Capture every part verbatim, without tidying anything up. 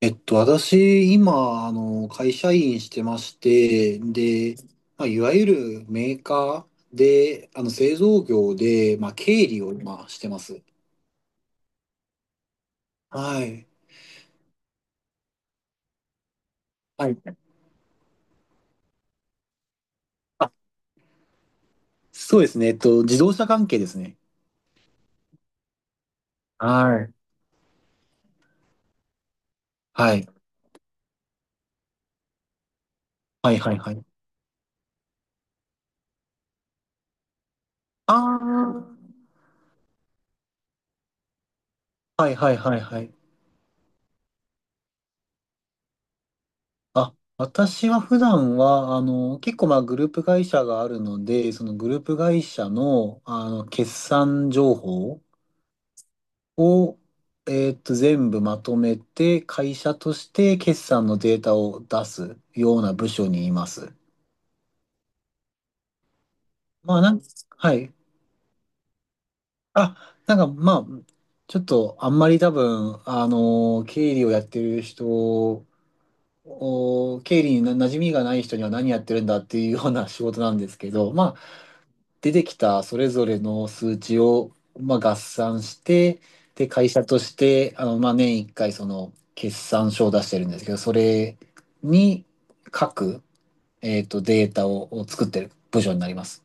えっと、私、今、あの、会社員してまして、で、まあ、いわゆるメーカーで、あの、製造業で、まあ、経理を今してます。はい。はい。あ、そうですね。えっと、自動車関係ですね。はい。はい。はい、はい、はい。ああ。はい、はい、はい、はい。あ、私は普段は、あの、結構、まあ、グループ会社があるので、そのグループ会社の、あの、決算情報を、えーっと、全部まとめて、会社として決算のデータを出すような部署にいます。まあ、なん、はい。あ、なんか、まあ、ちょっと、あんまり多分、あのー経理をやってる人を、経理にな馴染みがない人には何やってるんだっていうような仕事なんですけど、ま出てきたそれぞれの数値を、まあ、合算して、で、会社として、あの、まあ、年いっかいその決算書を出してるんですけど、それに書く、えっと、データを、を作ってる部署になります。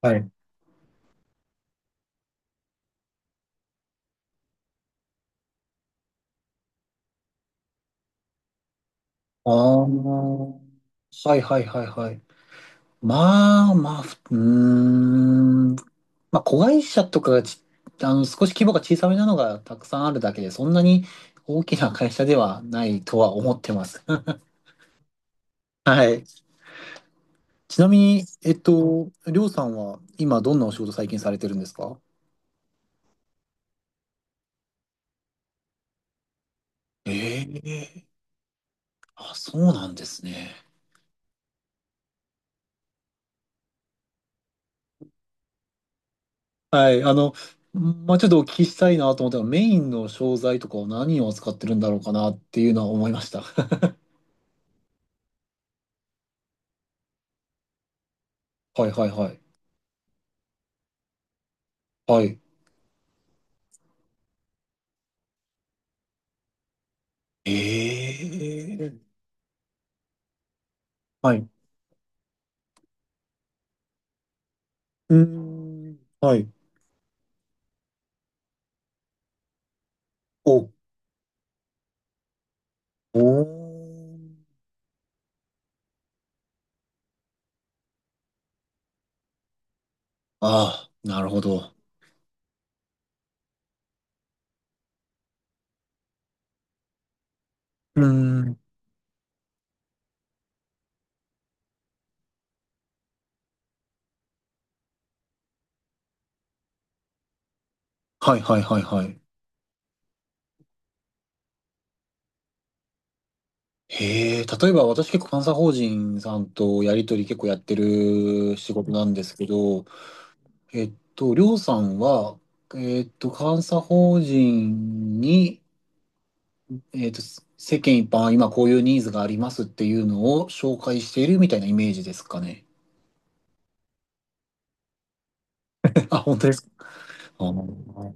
はい。ああ、はいはいはいはい。まあまあ、ふうーん。まあ、子会社とかがち、あの、少し規模が小さめなのがたくさんあるだけで、そんなに大きな会社ではないとは思ってます。はい。ちなみに、えっと、りょうさんは今どんなお仕事最近されてるんですか？ええ、あ、そうなんですね。はい、あの、まあ、ちょっとお聞きしたいなと思ったら、メインの商材とかを何を扱ってるんだろうかなっていうのは思いました。はいはいはい。はい。ええ、はい。うーん。はい。お、おー。ああ、なるほど。うーん。はいはいはいはい。へえ、例えば私結構監査法人さんとやり取り結構やってる仕事なんですけど、えっと、りょうさんは、えっと、監査法人に、えっと、世間一般、今こういうニーズがありますっていうのを紹介しているみたいなイメージですかね？あ、本当ですか？あー、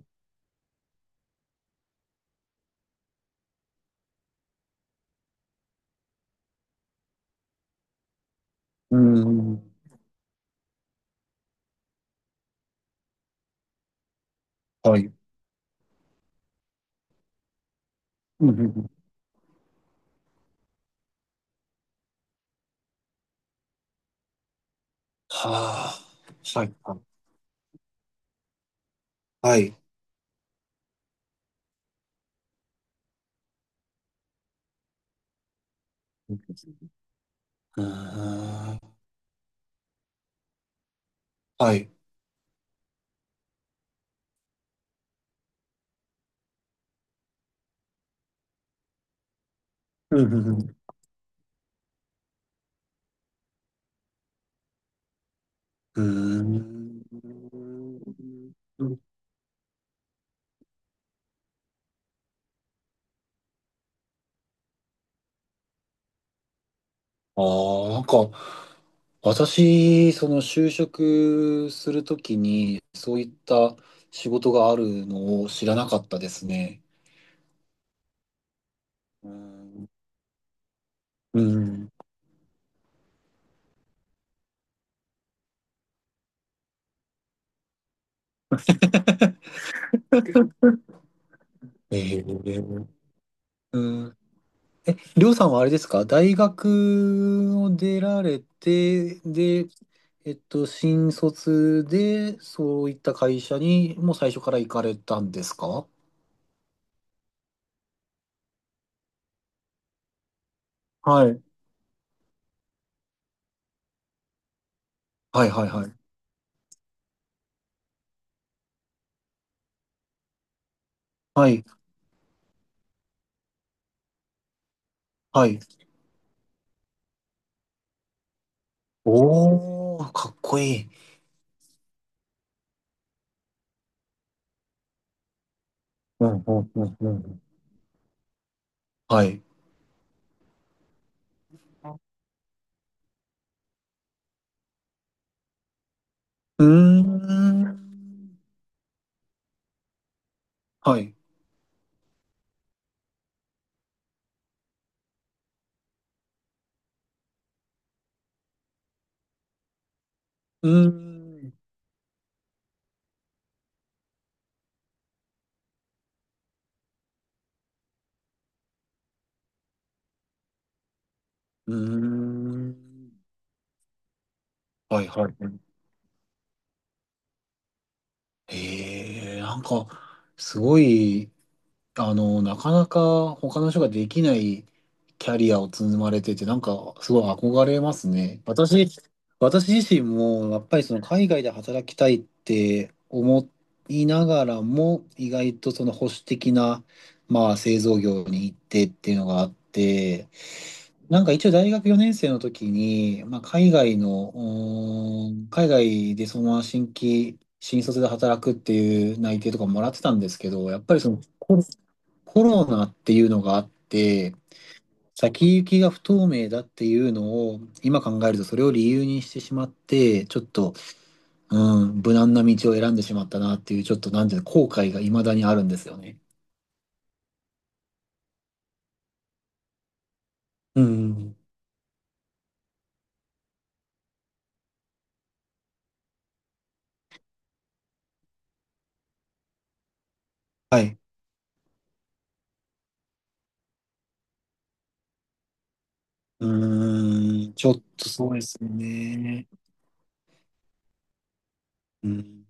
うん。はい。うんうんうん、はあ。はい。はい。はい。うん。はい。うーん。ああ、なんか、私、その就職するときに、そういった仕事があるのを知らなかったですね。うん。うん。えー、うん。りょうさんはあれですか？大学を出られて、で、えっと、新卒で、そういった会社に、もう最初から行かれたんですか？はい。はい、はい、はい。はい、はい。おー、かっこいい。うん、うん、うん、うん。はい。うーん。はい。うーん。うーん。はい、はい。へえ、なんか、すごい、あの、なかなか他の人ができないキャリアを積まれてて、なんかすごい憧れますね。私、私自身もやっぱりその海外で働きたいって思いながらも、意外とその保守的な、まあ、製造業に行ってっていうのがあって、なんか一応大学よねん生の時に、まあ、海外の、うーん、海外でそのまま新規、新卒で働くっていう内定とかもらってたんですけど、やっぱりその、コロナっていうのがあって、先行きが不透明だっていうのを、今考えるとそれを理由にしてしまって、ちょっと、うん、無難な道を選んでしまったなっていう、ちょっとなんていうの後悔が未だにあるんですよね。うん。はい。うーん、ちょっとそうですね。うん。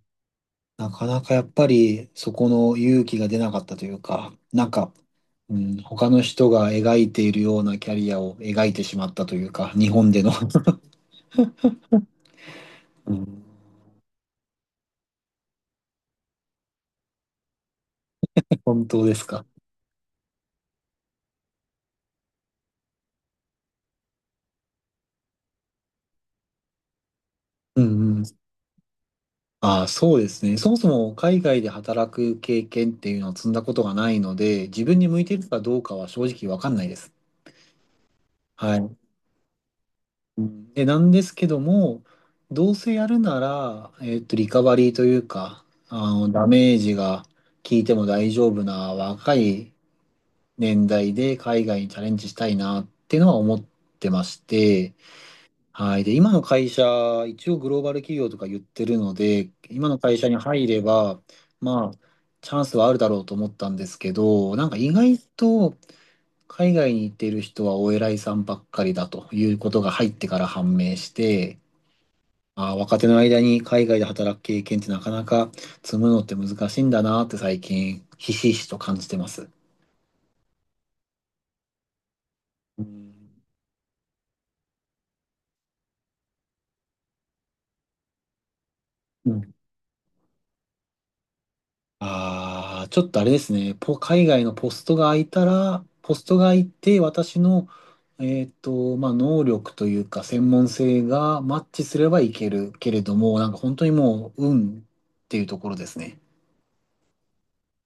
なかなかやっぱりそこの勇気が出なかったというか、なんか、うん、他の人が描いているようなキャリアを描いてしまったというか、日本での。うん。本当ですか？うんうん。ああ、そうですね。そもそも海外で働く経験っていうのを積んだことがないので、自分に向いてるかどうかは正直わかんないです。はい。うん、で、なんですけども、どうせやるなら、えっと、リカバリーというか、あの、ダメージが効いても大丈夫な若い年代で海外にチャレンジしたいなっていうのは思ってまして、はい。で、今の会社、一応グローバル企業とか言ってるので、今の会社に入れば、まあ、チャンスはあるだろうと思ったんですけど、なんか意外と海外に行っている人はお偉いさんばっかりだということが入ってから判明して、ああ、若手の間に海外で働く経験ってなかなか積むのって難しいんだなって最近、ひしひしと感じてます。うん、ああ、ちょっとあれですね。ポ、海外のポストが空いたら、ポストが空いて、私の、えっと、まあ、能力というか、専門性がマッチすればいけるけれども、なんか本当にもう、運っていうところですね。